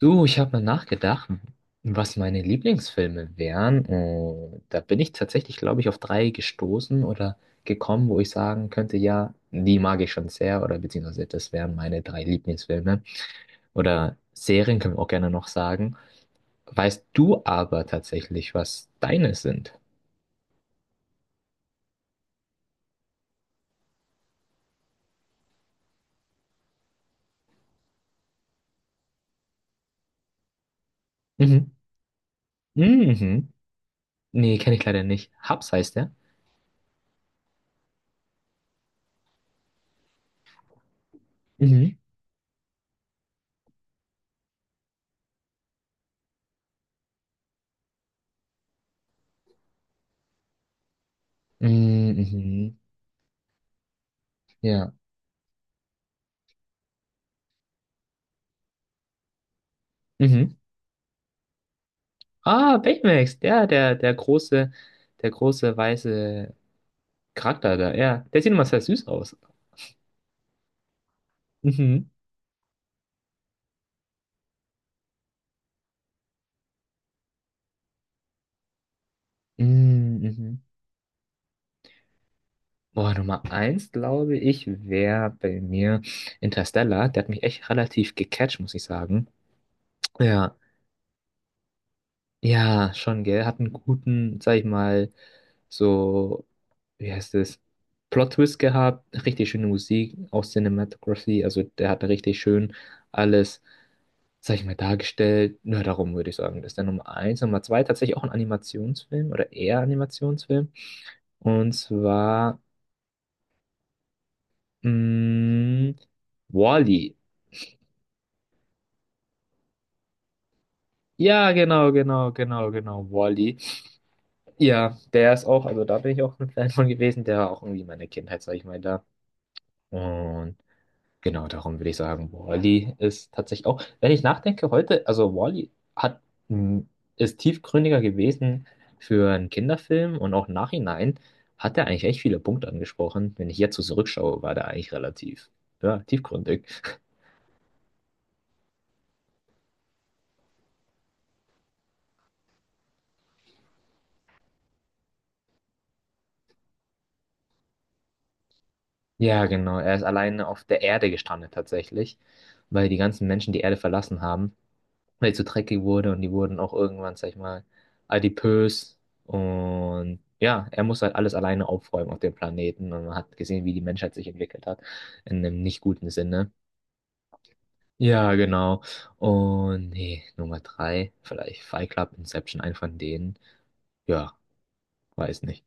Du, ich habe mal nachgedacht, was meine Lieblingsfilme wären. Und da bin ich tatsächlich, glaube ich, auf drei gestoßen oder gekommen, wo ich sagen könnte, ja, die mag ich schon sehr oder beziehungsweise das wären meine drei Lieblingsfilme. Oder Serien können wir auch gerne noch sagen. Weißt du aber tatsächlich, was deine sind? Mhm. Mhm. Nee, kenne ich leider nicht. Hubs heißt der. Mhm. Mhm. Mhm. Ja. Mhm. Ah, Baymax, ja, der große weiße Charakter da, ja. Der sieht immer sehr süß aus. Mhm. Mm. Mhm. Boah, Nummer eins, glaube ich, wäre bei mir Interstellar. Der hat mich echt relativ gecatcht, muss ich sagen. Ja, ja, schon, gell. Hat einen guten, sag ich mal, so, wie heißt es, Plot-Twist gehabt, richtig schöne Musik, auch Cinematography, also der hat richtig schön alles, sag ich mal, dargestellt. Nur darum würde ich sagen, das ist der Nummer eins. Nummer zwei, tatsächlich auch ein Animationsfilm oder eher Animationsfilm. Und zwar, mh, Wall-E. Ja, genau, genau, genau, genau, Wall-E. Ja, der ist auch, also da bin ich auch ein Fan von gewesen, der war auch irgendwie meine Kindheit, sag ich mal, da. Und genau, darum würde ich sagen, Wall-E ist tatsächlich auch, wenn ich nachdenke heute, also Wall-E hat, m, ist tiefgründiger gewesen für einen Kinderfilm, und auch nachhinein hat er eigentlich echt viele Punkte angesprochen. Wenn ich jetzt so zurückschaue, war der eigentlich relativ, ja, tiefgründig. Ja, genau, er ist alleine auf der Erde gestrandet tatsächlich, weil die ganzen Menschen die Erde verlassen haben, weil ich so dreckig wurde, und die wurden auch irgendwann, sag ich mal, adipös. Und ja, er muss halt alles alleine aufräumen auf dem Planeten. Und man hat gesehen, wie die Menschheit sich entwickelt hat, in einem nicht guten Sinne. Ja, genau. Und nee, Nummer drei, vielleicht Fight Club, Inception, ein von denen. Ja, weiß nicht.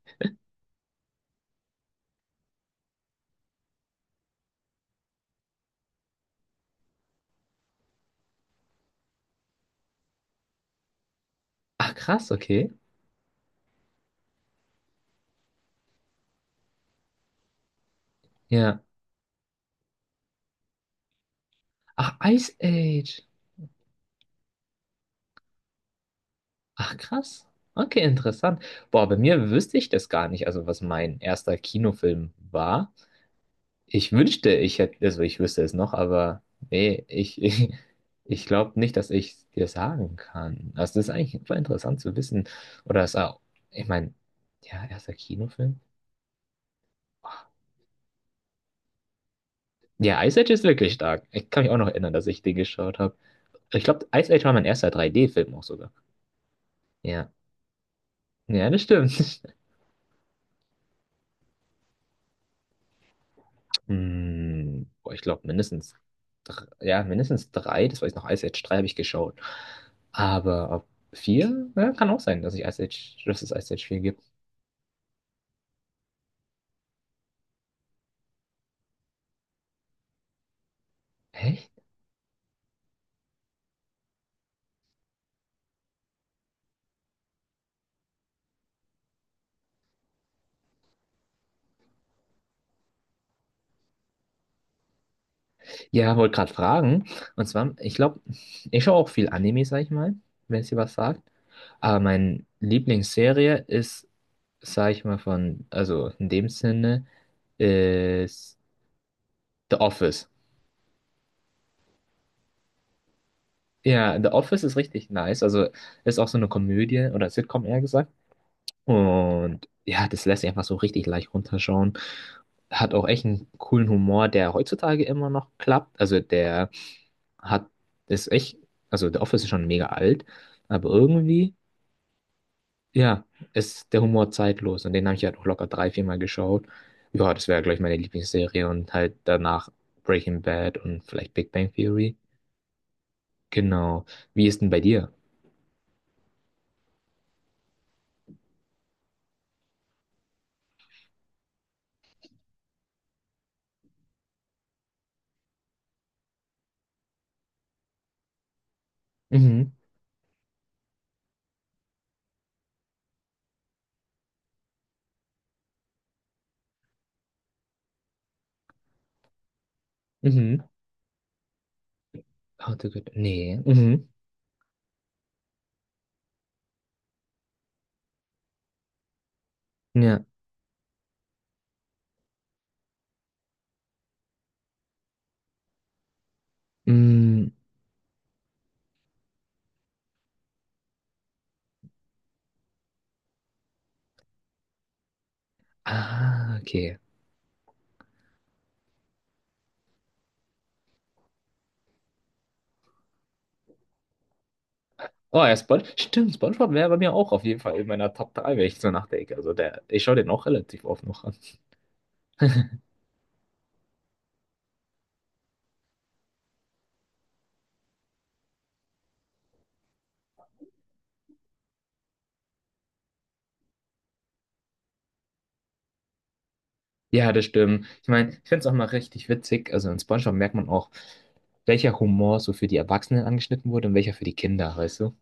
Ach, krass, okay. Ja. Ach, Ice Age. Ach, krass. Okay, interessant. Boah, bei mir wüsste ich das gar nicht, also was mein erster Kinofilm war. Ich wünschte, ich hätte, also ich wüsste es noch, aber nee, ich glaube nicht, dass ich es dir sagen kann. Also das ist eigentlich voll interessant zu wissen. Oder es auch, ich meine, ja, erster Kinofilm. Oh. Ja, Ice Age ist wirklich stark. Ich kann mich auch noch erinnern, dass ich den geschaut habe. Ich glaube, Ice Age war mein erster 3D-Film auch sogar. Ja. Ja, das stimmt. Hm, boah, ich glaube mindestens, ja, mindestens drei, das weiß ich noch, Ice Age 3 habe ich geschaut. Aber ob vier, ja, kann auch sein, dass es Ice Age vier gibt. Hä? Ja, wollte gerade fragen. Und zwar, ich glaube, ich schaue auch viel Anime, sag ich mal, wenn es dir was sagt. Aber meine Lieblingsserie ist, sag ich mal, von, also in dem Sinne, ist The Office. Ja, The Office ist richtig nice. Also ist auch so eine Komödie oder Sitcom, eher gesagt. Und ja, das lässt sich einfach so richtig leicht runterschauen. Hat auch echt einen coolen Humor, der heutzutage immer noch klappt. Also der hat, ist echt, also The Office ist schon mega alt, aber irgendwie, ja, ist der Humor zeitlos. Und den habe ich halt auch locker drei, viermal geschaut. Ja, das wäre gleich meine Lieblingsserie und halt danach Breaking Bad und vielleicht Big Bang Theory. Genau. Wie ist denn bei dir? Mhm. Mhm. How to Get. Nee. Mhm. Ja. Mm. Ah, okay. Oh, ja, Spon stimmt, SpongeBob wäre bei mir auch auf jeden Fall in meiner Top 3, wenn ich so nachdenke. Also der, ich schaue den auch relativ oft noch an. Ja, das stimmt. Ich meine, ich finde es auch mal richtig witzig. Also in SpongeBob merkt man auch, welcher Humor so für die Erwachsenen angeschnitten wurde und welcher für die Kinder, weißt du?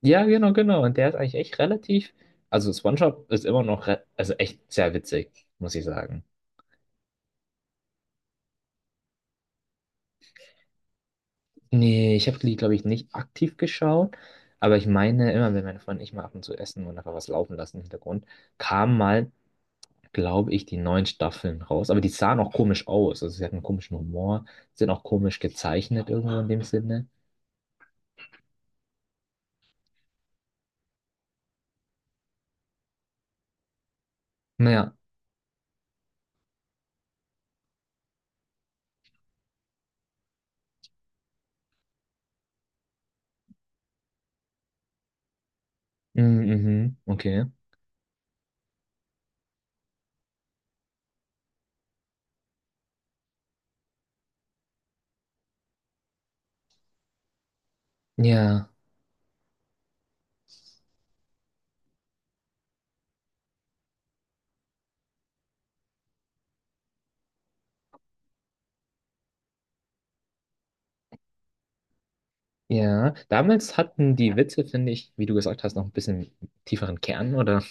Ja, genau, genau. Und der ist eigentlich echt relativ. Also SpongeBob ist immer noch, also echt sehr witzig, muss ich sagen. Nee, ich habe die, glaube ich, nicht aktiv geschaut, aber ich meine, immer wenn meine Freunde und ich mal ab und zu essen und einfach was laufen lassen im Hintergrund, kamen mal, glaube ich, die neuen Staffeln raus. Aber die sahen auch komisch aus. Also sie hatten einen komischen Humor, sind auch komisch gezeichnet, irgendwo in dem Sinne. Naja. Mhm, mhm, okay. Ja. Ja, damals hatten die Witze, finde ich, wie du gesagt hast, noch ein bisschen tieferen Kern oder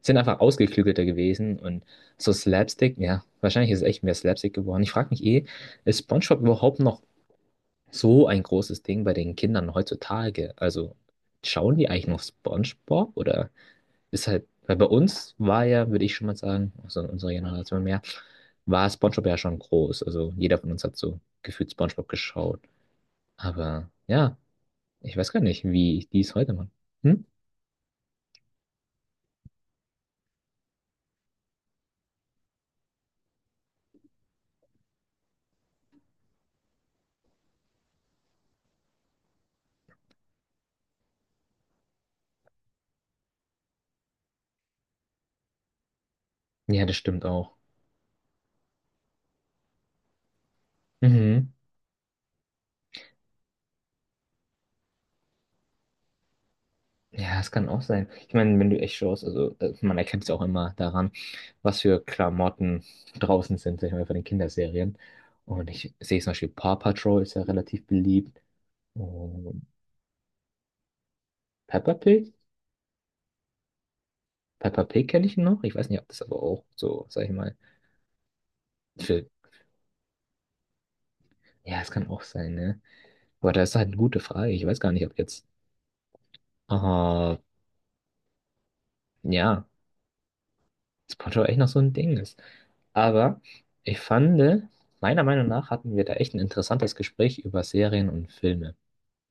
sind einfach ausgeklügelter gewesen, und so Slapstick, ja, wahrscheinlich ist es echt mehr Slapstick geworden. Ich frage mich eh, ist SpongeBob überhaupt noch so ein großes Ding bei den Kindern heutzutage? Also schauen die eigentlich noch SpongeBob, oder ist halt, weil bei uns war ja, würde ich schon mal sagen, also in unserer Generation mehr, war SpongeBob ja schon groß. Also jeder von uns hat so gefühlt SpongeBob geschaut. Aber ja. Ich weiß gar nicht, wie die es heute machen. Hm? Ja, das stimmt auch. Mhm. Ja, es kann auch sein. Ich meine, wenn du echt schaust, also man erkennt es auch immer daran, was für Klamotten draußen sind, sag ich mal, von den Kinderserien. Und ich sehe zum Beispiel Paw Patrol ist ja relativ beliebt. Und Peppa Pig? Peppa Pig kenne ich noch. Ich weiß nicht, ob das aber auch so, sag ich mal, für... Ja, es kann auch sein, ne? Aber das ist halt eine gute Frage. Ich weiß gar nicht, ob jetzt... Ah, ja. Dass Portugal echt noch so ein Ding ist. Aber ich fand, meiner Meinung nach hatten wir da echt ein interessantes Gespräch über Serien und Filme.